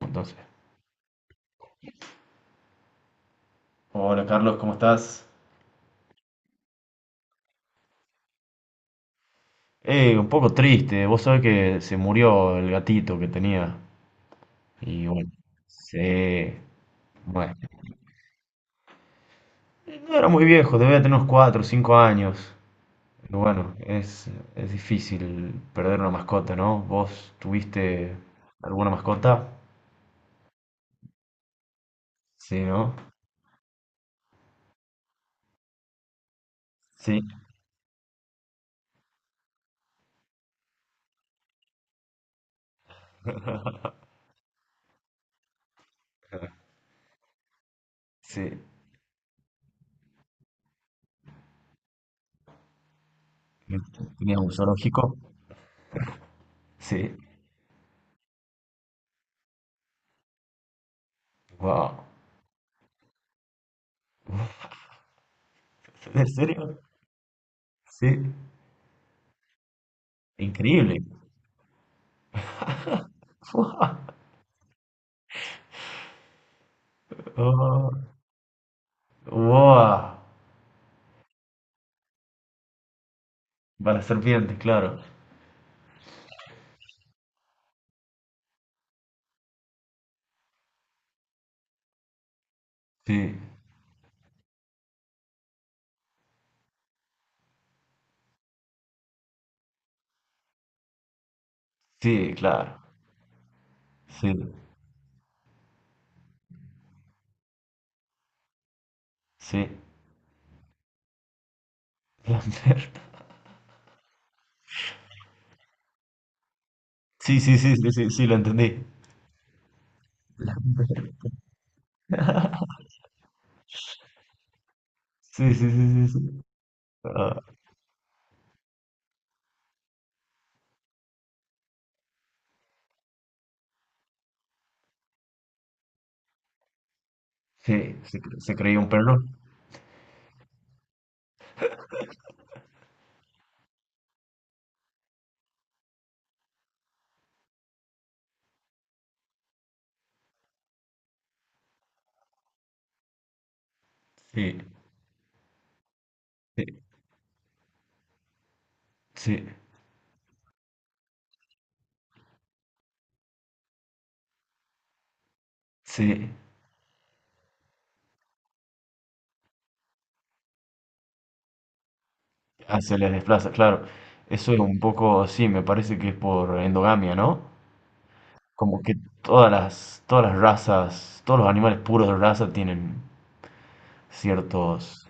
Entonces, hola Carlos, ¿cómo estás? Un poco triste. Vos sabés que se murió el gatito que tenía. Y bueno, sí, bueno. No era muy viejo, debía tener unos 4 o 5 años. Pero bueno, es difícil perder una mascota, ¿no? ¿Vos tuviste alguna mascota? Sí, ¿no? Sí, sí. ¿Tenías un zoológico? Sí. Wow. ¿En serio? Sí. Increíble. Wow. Wow. Para serpientes, claro. Sí, sí, claro. Sí, sí. Lambert. Sí, sí, sí, sí, sí, sí, lo entendí. Sí, sí, sí, sí, sí. Ah, sí, se creía un perro. Sí, sí, sí, sí. Ah, se les desplaza, claro. Eso es un poco, sí, me parece que es por endogamia, ¿no? Como que todas las razas, todos los animales puros de raza tienen ciertos.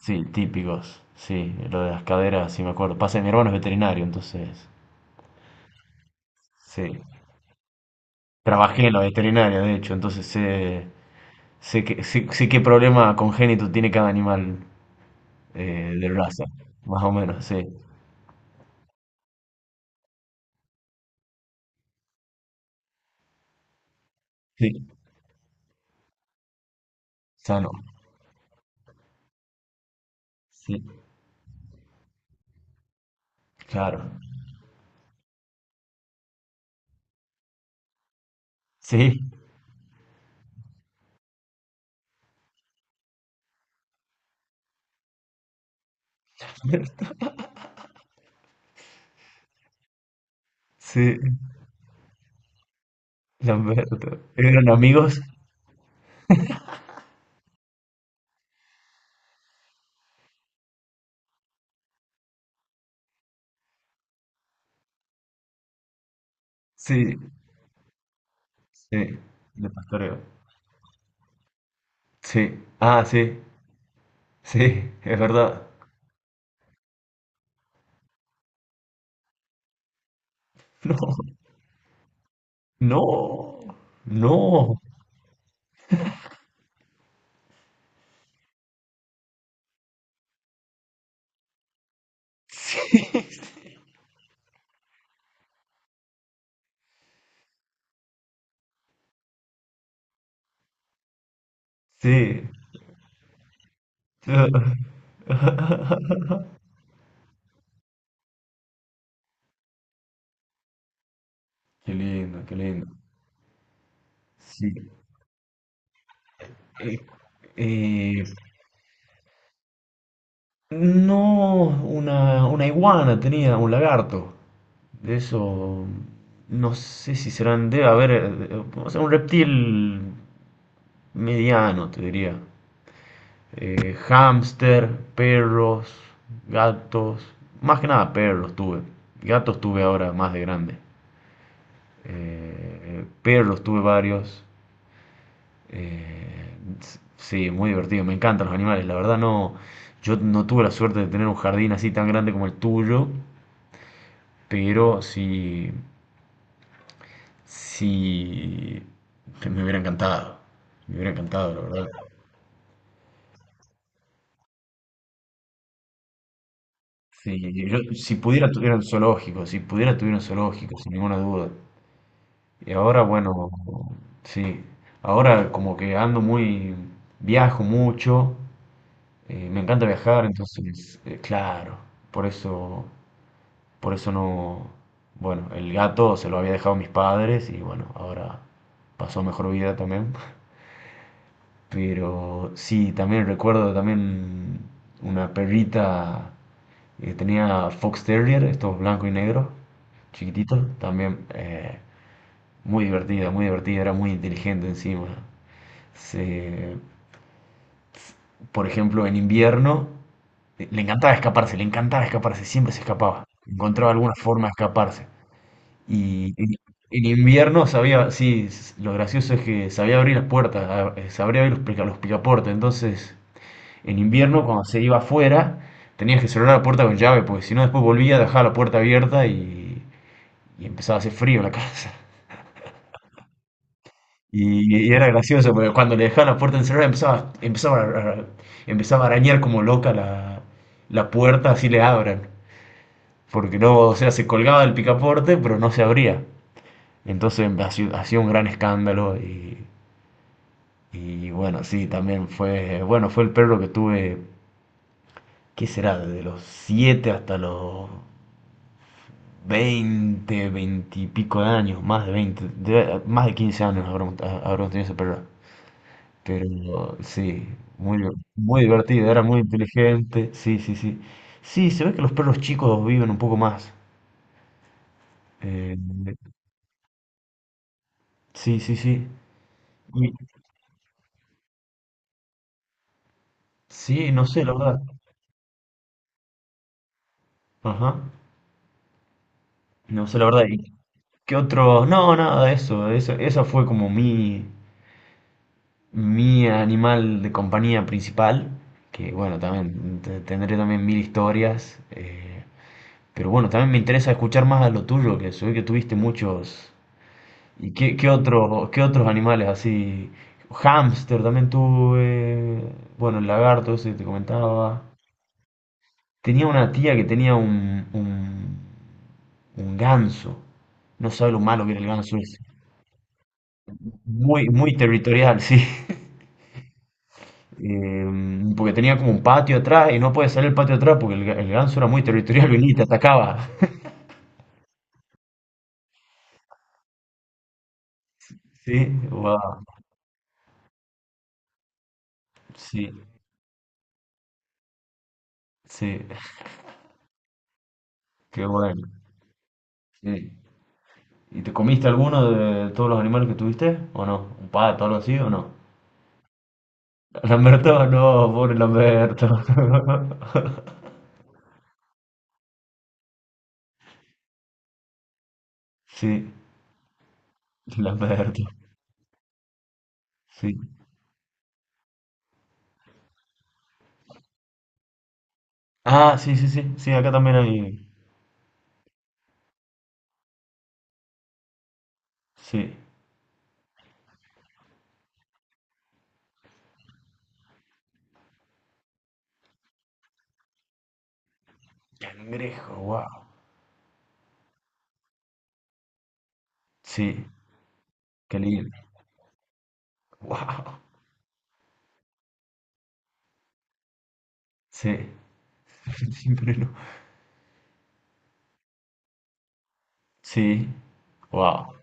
Sí, típicos. Sí, lo de las caderas, sí me acuerdo. Pasa que mi hermano es veterinario, entonces. Sí. Trabajé en la veterinaria, de hecho, entonces sé qué problema congénito tiene cada animal de raza. Más o menos, sí. Sí, sano. Sí, claro. Sí, sí, Lamberto. ¿Eran amigos? Sí, sí, de pastoreo. Sí, ah, sí, sí, es verdad. No, no, no. Sí, qué lindo, qué lindo. Sí. Eh, eh, no, una iguana tenía, un lagarto. De eso, no sé si serán, o sea, un reptil mediano, te diría. Hámster, perros, gatos, más que nada perros tuve. Gatos tuve ahora más de grande. Eh, Perros tuve varios. Eh, sí, muy divertido, me encantan los animales. La verdad no, yo no tuve la suerte de tener un jardín así tan grande como el tuyo, pero sí, sí, me hubiera encantado. Me hubiera encantado, la verdad. Sí, yo, si pudiera tuviera un zoológico, si pudiera tuviera un zoológico, sin ninguna duda. Y ahora, bueno, sí, ahora como que ando muy, viajo mucho, me encanta viajar, entonces, claro, por eso... Por eso no... Bueno, el gato se lo había dejado a mis padres y bueno, ahora pasó mejor vida también. Pero sí, también recuerdo también una perrita que tenía Fox Terrier, estos blancos y negros, chiquititos, también muy divertida, era muy inteligente encima. Se, por ejemplo, en invierno le encantaba escaparse, siempre se escapaba, encontraba alguna forma de escaparse. Y en, en invierno sabía, sí, lo gracioso es que sabía abrir las puertas, sabría abrir los picaportes. Entonces, en invierno, cuando se iba afuera, tenías que cerrar la puerta con llave, porque si no, después volvía, dejaba la puerta abierta y empezaba a hacer frío la casa. Y era gracioso, porque cuando le dejaba la puerta encerrada, empezaba a arañar como loca la puerta, así le abran. Porque no, o sea, se colgaba del picaporte, pero no se abría. Entonces hacía un gran escándalo y bueno, sí, también fue, bueno, fue el perro que tuve, ¿qué será? Desde los 7 hasta los 20 20 y pico de años, más de 15 años habremos tenido ese perro. Pero sí, muy, muy divertido, era muy inteligente, sí, sí, sí. Sí, se ve que los perros chicos viven un poco más. eh, sí, sí, sí. Y- sí, no sé, la verdad. Ajá. No sé, la verdad. ¿Qué otros? No, nada de eso. Eso fue como mi animal de compañía principal. Que bueno, también tendré también mil historias. Pero bueno, también me interesa escuchar más a lo tuyo, que soy que tuviste muchos. ¿Y qué, qué otros animales así? Hámster también tuve. Bueno, el lagarto ese que te comentaba. Tenía una tía que tenía un ganso. No sabe lo malo que era el ganso ese. Muy, muy territorial, sí. Porque tenía como un patio atrás y no podía salir el patio atrás porque el ganso era muy territorial, y te atacaba. Sí, wow, sí, sí, qué bueno. Sí. ¿Y te comiste alguno de todos los animales que tuviste? ¿O no? ¿Un pato, algo así o no? Lamberto, no, pobre Lamberto. Sí, Lamberto, sí. Ah, sí, sí, sí, sí, acá también hay. Sí. Cangrejo, wow. Sí, qué lindo. Wow. Sí, siempre no. Sí, wow.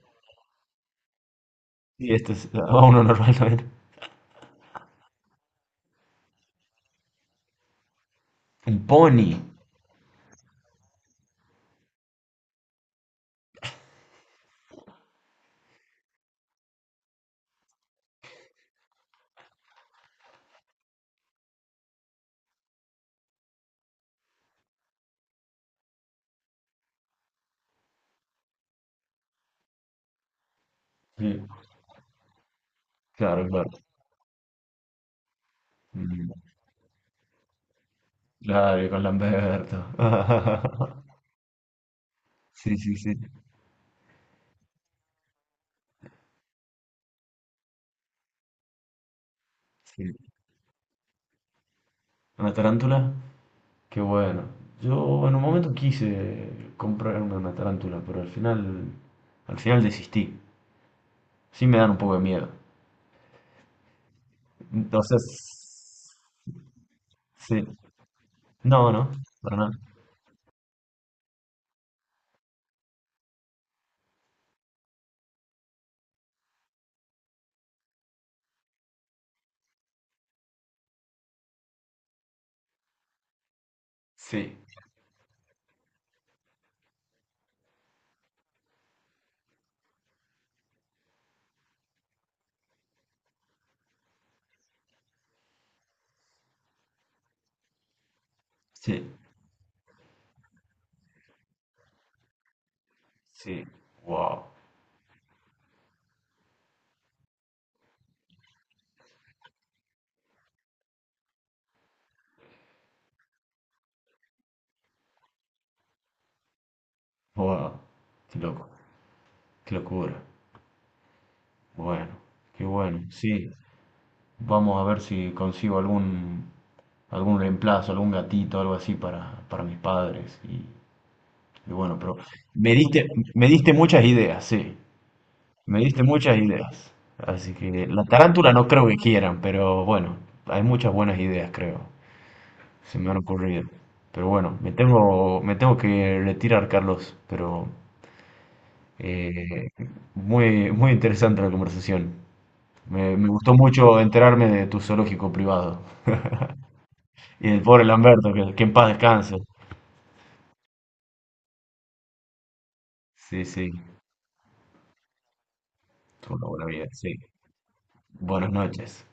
Y esto es a uno normalmente. Un pony. Sí, claro, claro. Mm, claro, y con Lamberto. Sí, sí, sí. Sí. Una tarántula. Qué bueno. Yo en un momento quise comprarme una tarántula, pero al final desistí. Sí me dan un poco de miedo. Entonces, sí. No, no, para nada. Sí, sí, sí. Wow. Wow, qué loco, qué locura. Bueno, qué bueno. Sí, vamos a ver si consigo algún reemplazo, algún gatito, algo así para mis padres. Y bueno, pero me diste, me diste muchas ideas, sí. Me diste muchas ideas. Así que la tarántula no creo que quieran, pero bueno, hay muchas buenas ideas, creo. Se me han ocurrido. Pero bueno, me tengo que retirar, Carlos. Pero eh, muy, muy interesante la conversación. Me gustó mucho enterarme de tu zoológico privado. Y del pobre Lamberto, que en paz descanse. Sí, sí, tuvo una buena vida, sí. Buenas noches.